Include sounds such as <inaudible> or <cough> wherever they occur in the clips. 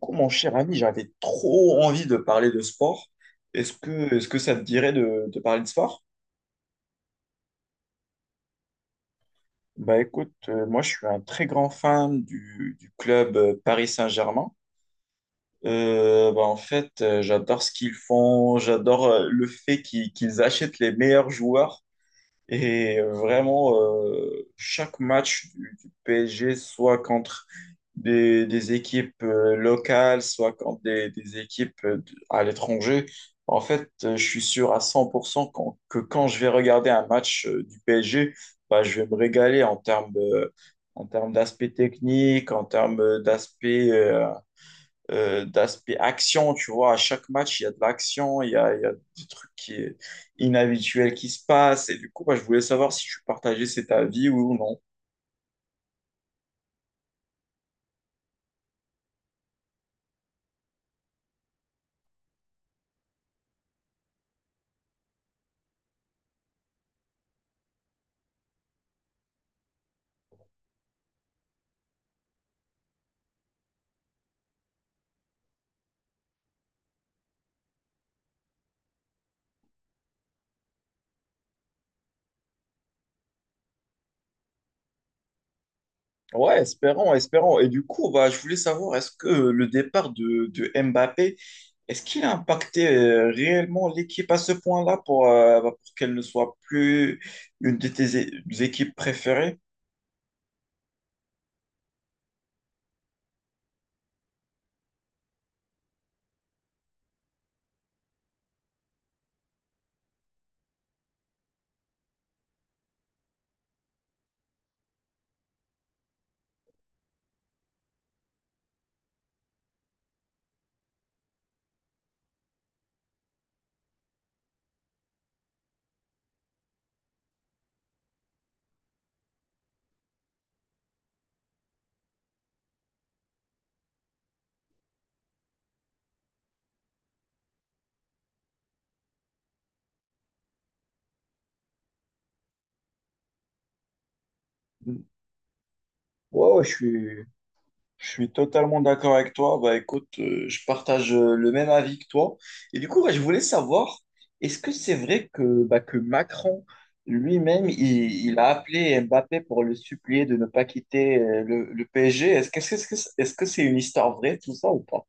Coup, mon cher ami, j'avais trop envie de parler de sport. Est-ce que ça te dirait de parler de sport? Bah écoute, moi je suis un très grand fan du club Paris Saint-Germain. En fait, j'adore ce qu'ils font, j'adore le fait qu'ils achètent les meilleurs joueurs. Et vraiment, chaque match du PSG, soit contre des équipes locales, soit contre des équipes à l'étranger, en fait, je suis sûr à 100% que quand je vais regarder un match du PSG, bah, je vais me régaler en termes d'aspect technique, en termes d'aspect d'aspect action, tu vois. À chaque match, il y a de l'action, il y a des trucs qui est inhabituels qui se passent. Et du coup, bah, je voulais savoir si tu partageais cet avis oui ou non. Ouais, espérons, espérons. Et du coup, bah, je voulais savoir, est-ce que le départ de Mbappé, est-ce qu'il a impacté réellement l'équipe à ce point-là pour, bah, pour qu'elle ne soit plus une de tes équipes préférées? Ouais, ouais, je suis totalement d'accord avec toi. Bah écoute, je partage le même avis que toi. Et du coup, ouais, je voulais savoir, est-ce que c'est vrai que, bah, que Macron lui-même, il a appelé Mbappé pour le supplier de ne pas quitter le PSG? Est-ce que c'est une histoire vraie, tout ça, ou pas?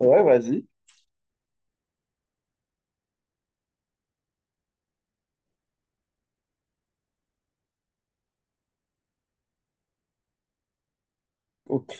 Ouais, vas-y. Ok.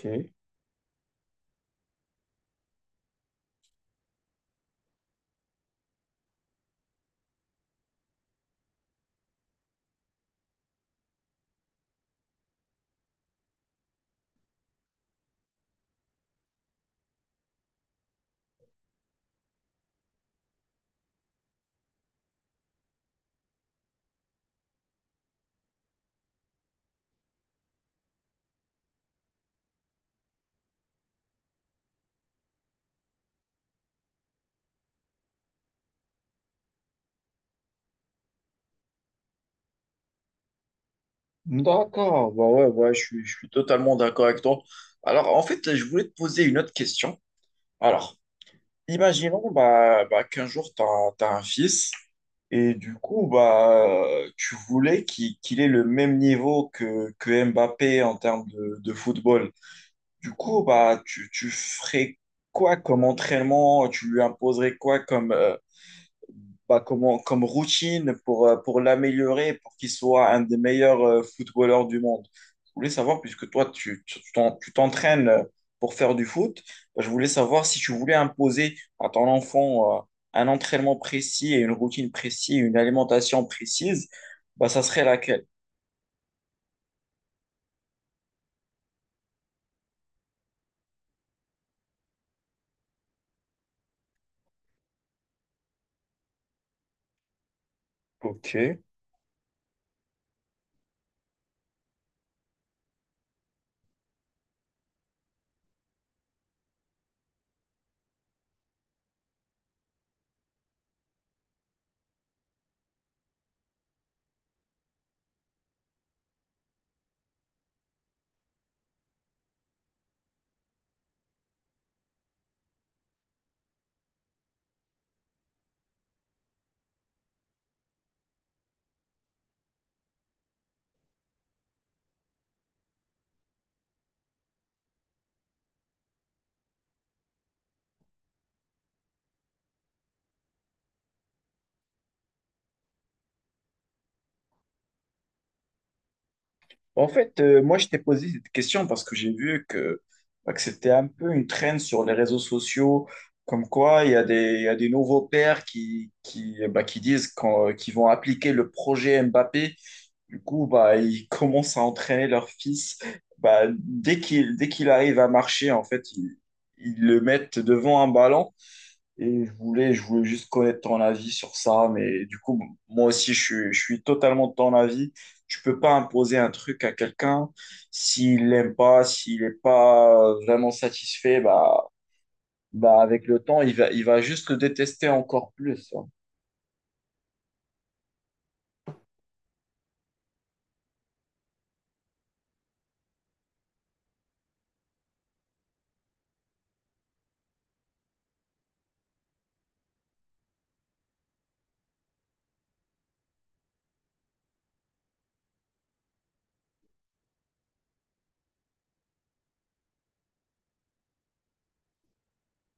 D'accord, bah ouais, ouais, je suis totalement d'accord avec toi. Alors, en fait, je voulais te poser une autre question. Alors, imaginons bah, bah, qu'un jour, tu as, un fils et du coup, bah, tu voulais qu'il ait le même niveau que Mbappé en termes de football. Du coup, bah, tu ferais quoi comme entraînement? Tu lui imposerais quoi comme, comme routine pour l'améliorer, pour qu'il soit un des meilleurs footballeurs du monde. Je voulais savoir, puisque toi, tu t'entraînes pour faire du foot, bah, je voulais savoir si tu voulais imposer à ton enfant un entraînement précis et une routine précise, une alimentation précise, bah, ça serait laquelle? Ok. En fait, moi, je t'ai posé cette question parce que j'ai vu que, bah, que c'était un peu une traîne sur les réseaux sociaux, comme quoi il y a des, il y a des nouveaux pères qui, bah, qui disent qu'ils vont appliquer le projet Mbappé. Du coup, bah, ils <laughs> commencent à entraîner leur fils. Bah, dès qu'il arrive à marcher, en fait, ils le mettent devant un ballon et je voulais juste connaître ton avis sur ça, mais du coup, moi aussi, je suis totalement de ton avis. Tu peux pas imposer un truc à quelqu'un s'il l'aime pas, s'il n'est pas vraiment satisfait, bah, bah avec le temps, il va juste le détester encore plus, hein.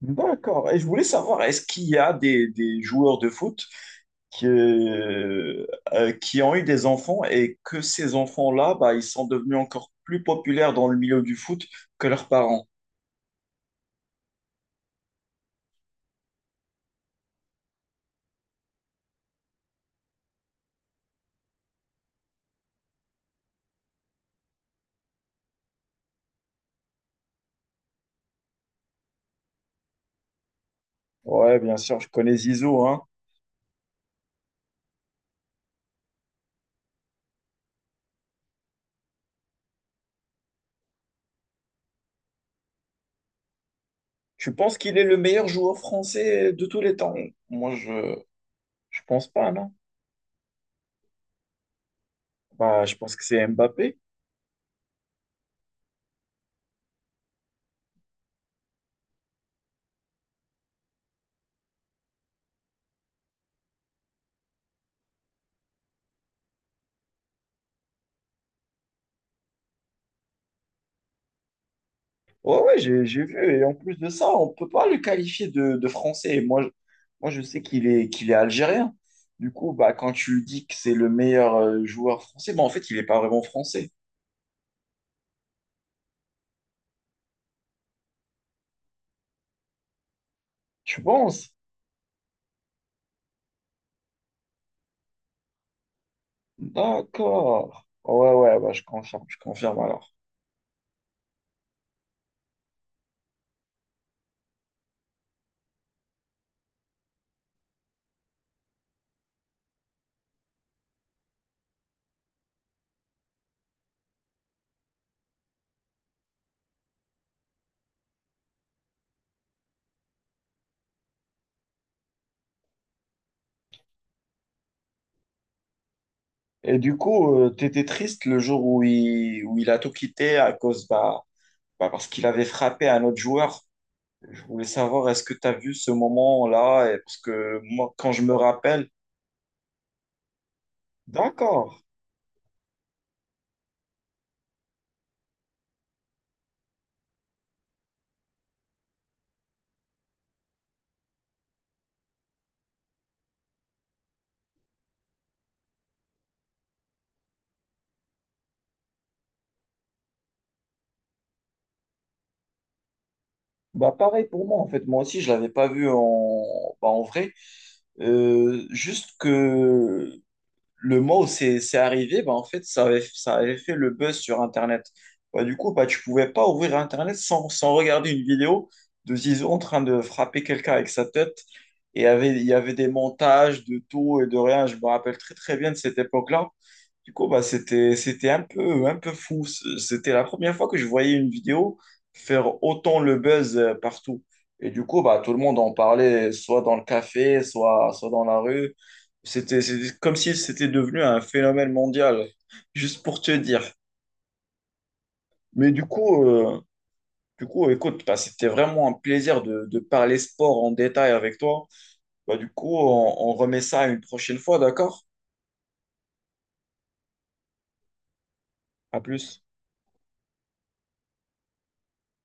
D'accord. Et je voulais savoir, est-ce qu'il y a des joueurs de foot qui, euh, qui ont eu des enfants et que ces enfants-là, bah, ils sont devenus encore plus populaires dans le milieu du foot que leurs parents? Ouais, bien sûr, je connais Zizou, hein. Tu penses qu'il est le meilleur joueur français de tous les temps? Moi, je pense pas, non. Bah, je pense que c'est Mbappé. Ouais, ouais, j'ai vu. Et en plus de ça, on peut pas le qualifier de français. Moi, je sais qu'il est algérien. Du coup, bah, quand tu dis que c'est le meilleur joueur français, bah, en fait, il n'est pas vraiment français. Tu penses? D'accord. Ouais, ouais, bah, je confirme alors. Et du coup, tu t'étais triste le jour où il a tout quitté à cause, bah, bah, parce qu'il avait frappé un autre joueur. Je voulais savoir, est-ce que tu as vu ce moment-là? Et parce que moi, quand je me rappelle, d'accord. Bah pareil pour moi en fait moi aussi je l'avais pas vu en bah, en vrai. Juste que le mois où c'est arrivé, bah, en fait, ça avait fait le buzz sur Internet. Bah, du coup, bah, tu pouvais pas ouvrir Internet sans, sans regarder une vidéo de Zizou en train de frapper quelqu'un avec sa tête. Et il y avait des montages de tout et de rien. Je me rappelle très, très bien de cette époque-là. Du coup, bah, c'était, c'était un peu fou. C'était la première fois que je voyais une vidéo faire autant le buzz partout. Et du coup, bah, tout le monde en parlait, soit dans le café, soit, soit dans la rue. C'était c'était comme si c'était devenu un phénomène mondial, juste pour te dire. Mais du coup écoute, bah, c'était vraiment un plaisir de parler sport en détail avec toi. Bah, du coup, on remet ça une prochaine fois, d'accord? À plus.